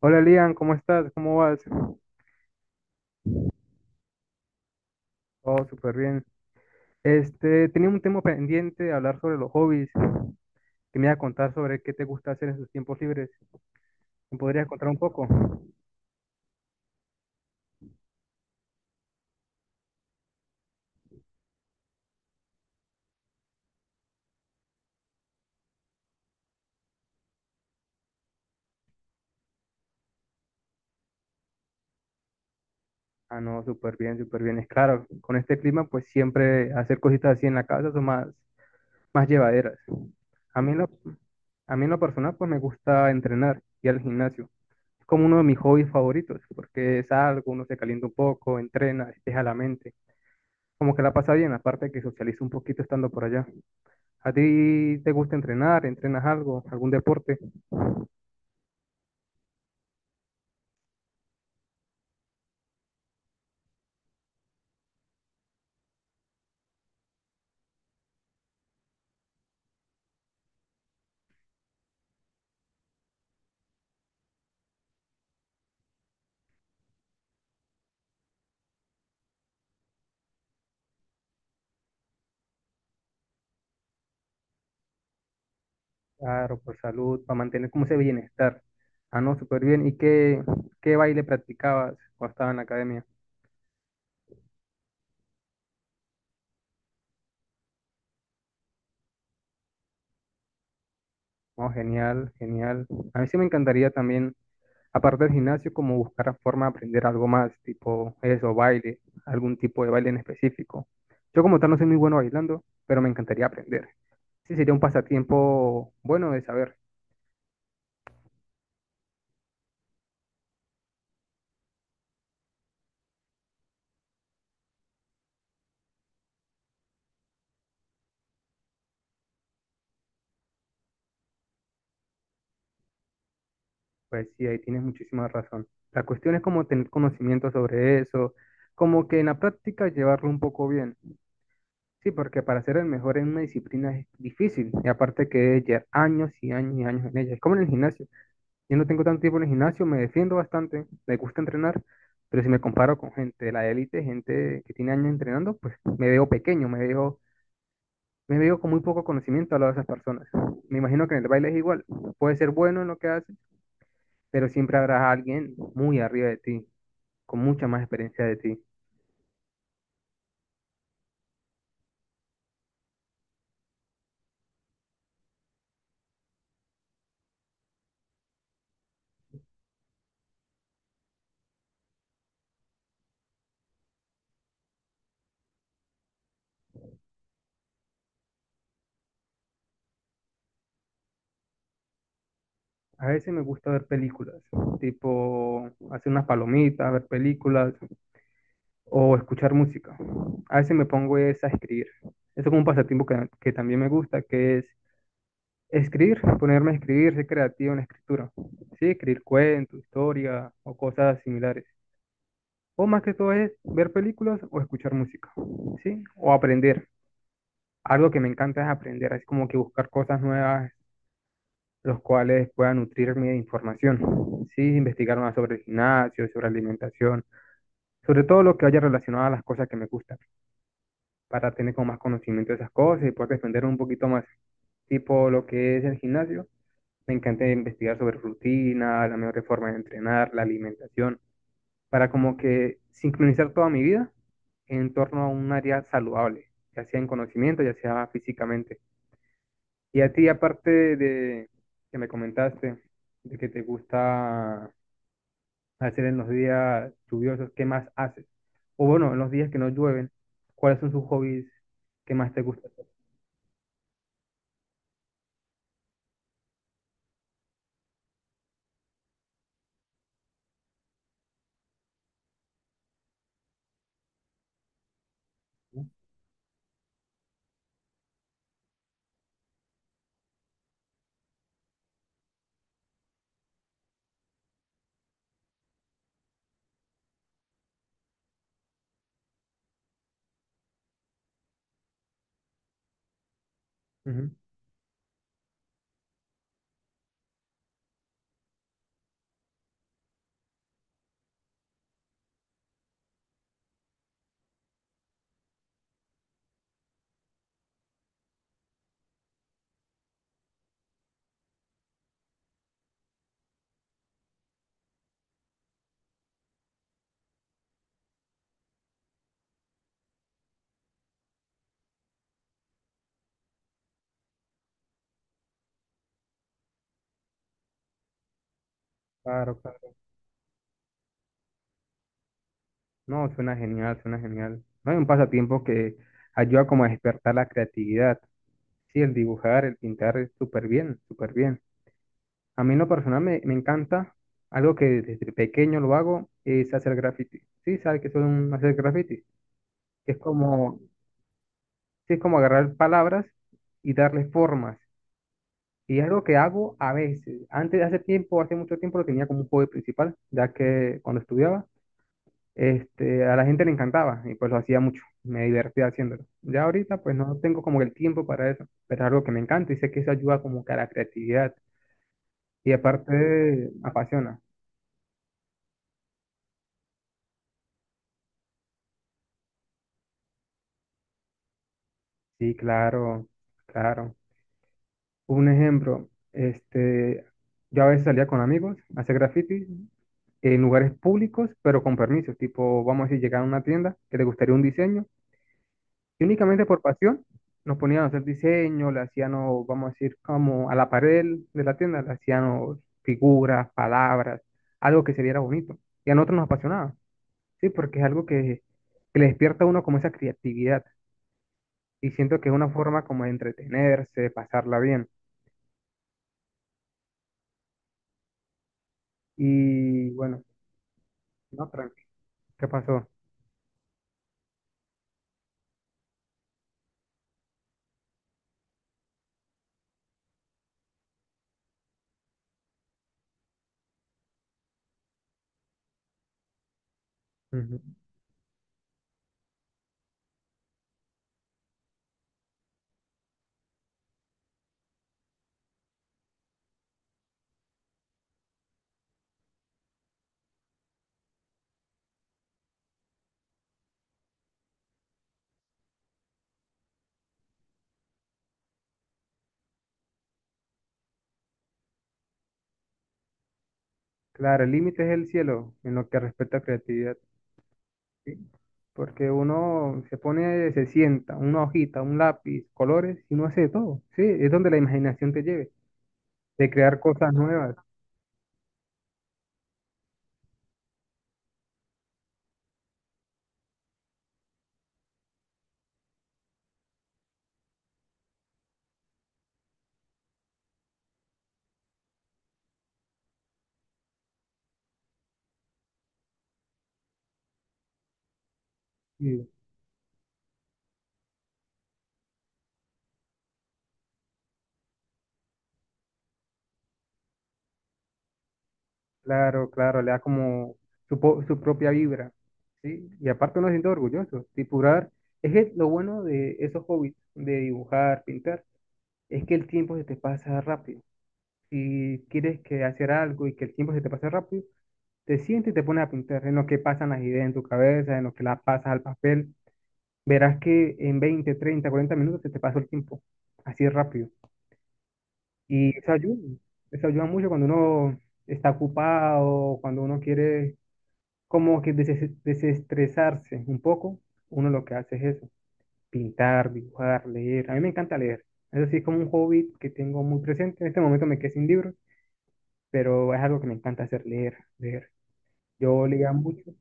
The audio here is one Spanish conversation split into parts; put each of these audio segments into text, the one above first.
Hola Lian, ¿cómo estás? ¿Cómo vas? Oh, súper bien. Tenía un tema pendiente de hablar sobre los hobbies, que me iba a contar sobre qué te gusta hacer en tus tiempos libres. ¿Me podrías contar un poco? Ah, no, súper bien, súper bien. Es claro, con este clima, pues siempre hacer cositas así en la casa son más llevaderas. A mí en lo, a mí en lo personal, pues me gusta entrenar y al gimnasio. Es como uno de mis hobbies favoritos, porque es algo uno se calienta un poco, entrena, despeja la mente. Como que la pasa bien, aparte que socializa un poquito estando por allá. ¿A ti te gusta entrenar? ¿Entrenas algo? ¿Algún deporte? Claro, por salud, para mantener como ese bienestar. Ah, no, súper bien. ¿Qué baile practicabas cuando estabas en la academia? Oh, genial, genial. A mí sí me encantaría también, aparte del gimnasio, como buscar la forma de aprender algo más, tipo eso, baile, algún tipo de baile en específico. Yo como tal no soy muy bueno bailando, pero me encantaría aprender. Sí, sería un pasatiempo bueno de saber. Pues sí, ahí tienes muchísima razón. La cuestión es como tener conocimiento sobre eso, como que en la práctica llevarlo un poco bien. Sí, porque para ser el mejor en una disciplina es difícil, y aparte que es llevar años y años y años en ella. Es como en el gimnasio. Yo no tengo tanto tiempo en el gimnasio, me defiendo bastante, me gusta entrenar, pero si me comparo con gente de la élite, gente que tiene años entrenando, pues me veo pequeño, me veo con muy poco conocimiento a lado de esas personas. Me imagino que en el baile es igual. Puede ser bueno en lo que hace, pero siempre habrá alguien muy arriba de ti, con mucha más experiencia de ti. A veces me gusta ver películas, tipo hacer unas palomitas, ver películas o escuchar música. A veces me pongo es a escribir. Eso es como un pasatiempo que también me gusta, que es escribir, ponerme a escribir, ser creativo en la escritura. Sí, escribir cuentos, historias o cosas similares. O más que todo es ver películas o escuchar música, ¿sí? O aprender. Algo que me encanta es aprender, es como que buscar cosas nuevas los cuales puedan nutrirme de información. Sí, investigar más sobre el gimnasio, sobre alimentación, sobre todo lo que haya relacionado a las cosas que me gustan, para tener como más conocimiento de esas cosas y poder defender un poquito más. Tipo lo que es el gimnasio, me encanta investigar sobre rutina, la mejor forma de entrenar, la alimentación, para como que sincronizar toda mi vida en torno a un área saludable, ya sea en conocimiento, ya sea físicamente. Y a ti, aparte de que me comentaste, de que te gusta hacer en los días lluviosos, ¿qué más haces? O bueno, en los días que no llueven, ¿cuáles son sus hobbies que más te gusta hacer? ¿No? Ujú. Claro, claro. No, suena genial, suena genial. No hay un pasatiempo que ayuda como a despertar la creatividad. Sí, el dibujar, el pintar es súper bien, súper bien. A mí en lo personal me encanta, algo que desde pequeño lo hago, es hacer graffiti. Sí, ¿sabes qué son hacer graffiti? Es como, sí, es como agarrar palabras y darle formas. Y es algo que hago a veces. Antes, hace tiempo, hace mucho tiempo lo tenía como un hobby principal, ya que cuando estudiaba, a la gente le encantaba y pues lo hacía mucho. Me divertía haciéndolo. Ya ahorita pues no tengo como el tiempo para eso, pero es algo que me encanta y sé que eso ayuda como que a la creatividad y aparte apasiona. Sí, claro, claro. Un ejemplo, yo a veces salía con amigos a hacer graffiti en lugares públicos, pero con permisos. Tipo, vamos a decir, llegar a una tienda que le gustaría un diseño y únicamente por pasión nos ponían a hacer diseño, le hacíamos, vamos a decir, como a la pared de la tienda, le hacíamos figuras, palabras, algo que se viera bonito. Y a nosotros nos apasionaba, sí, porque es algo que le despierta a uno como esa creatividad. Y siento que es una forma como de entretenerse, de pasarla bien. Y bueno, no. ¿Qué pasó? Ujú. Claro, el límite es el cielo en lo que respecta a creatividad, ¿sí? Porque uno se pone, se sienta, una hojita, un lápiz, colores, y uno hace de todo, ¿sí? Es donde la imaginación te lleve, de crear cosas nuevas. Y claro, claro, le da como su, su propia vibra, ¿sí? Y aparte uno se siente orgulloso, dibujar. Es que lo bueno de esos hobbies, de dibujar, pintar, es que el tiempo se te pasa rápido. Si quieres que hacer algo y que el tiempo se te pase rápido, te sientes y te pones a pintar, en lo que pasan las ideas en tu cabeza, en lo que las pasas al papel, verás que en 20, 30, 40 minutos se te pasó el tiempo, así de rápido. Y eso ayuda mucho cuando uno está ocupado, cuando uno quiere como que desestresarse un poco, uno lo que hace es eso, pintar, dibujar, leer. A mí me encanta leer. Eso sí es como un hobby que tengo muy presente. En este momento me quedé sin libros, pero es algo que me encanta hacer, leer, leer. Yo leía mucho,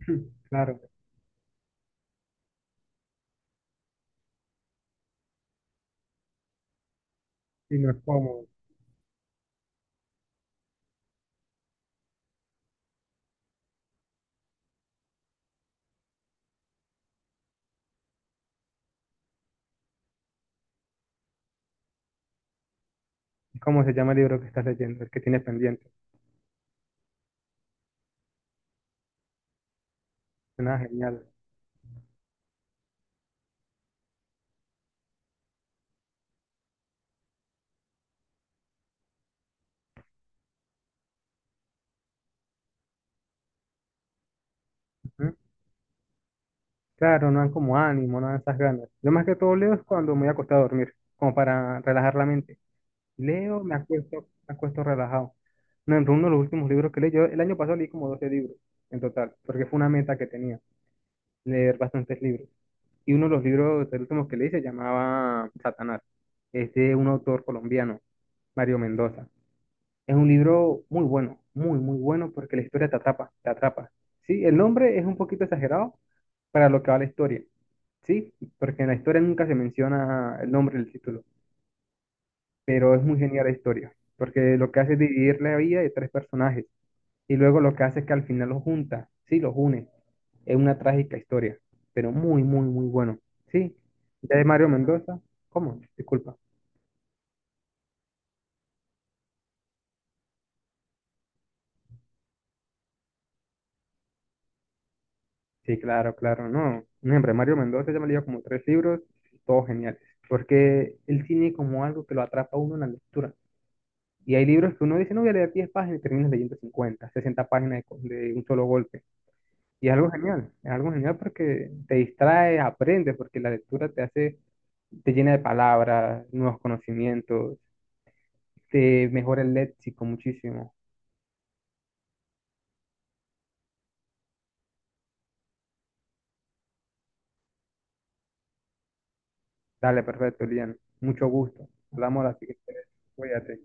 claro. Y no es cómodo. ¿Cómo se llama el libro que estás leyendo? El que tienes pendiente. Suena genial. Ujú. Claro, no dan como ánimo, no dan esas ganas. Yo más que todo leo es cuando me voy a acostar a dormir, como para relajar la mente. Leo, me acuesto relajado. No, entre uno de los últimos libros que leí, yo el año pasado leí como 12 libros en total, porque fue una meta que tenía, leer bastantes libros. Y uno de los libros, el último que leí, se llamaba Satanás. Es de un autor colombiano, Mario Mendoza. Es un libro muy bueno, muy, muy bueno porque la historia te atrapa, te atrapa. Sí, el nombre es un poquito exagerado para lo que va la historia, sí, porque en la historia nunca se menciona el nombre del título, pero es muy genial la historia, porque lo que hace es dividir la vida de tres personajes y luego lo que hace es que al final los junta, sí, los une. Es una trágica historia, pero muy, muy, muy bueno. Sí, ya de Mario Mendoza, ¿cómo? Disculpa. Sí, claro, claro, no. Un ejemplo, Mario Mendoza ya me leyó como tres libros, todos geniales. Porque el cine como algo que lo atrapa a uno en la lectura. Y hay libros que uno dice, no voy a leer 10 páginas y terminas leyendo 50, 60 páginas de, de un solo golpe. Y es algo genial porque te distrae, aprendes, porque la lectura te hace, te llena de palabras, nuevos conocimientos, te mejora el léxico muchísimo. Dale, perfecto, Lian. Mucho gusto. Hablamos a la siguiente vez. Cuídate.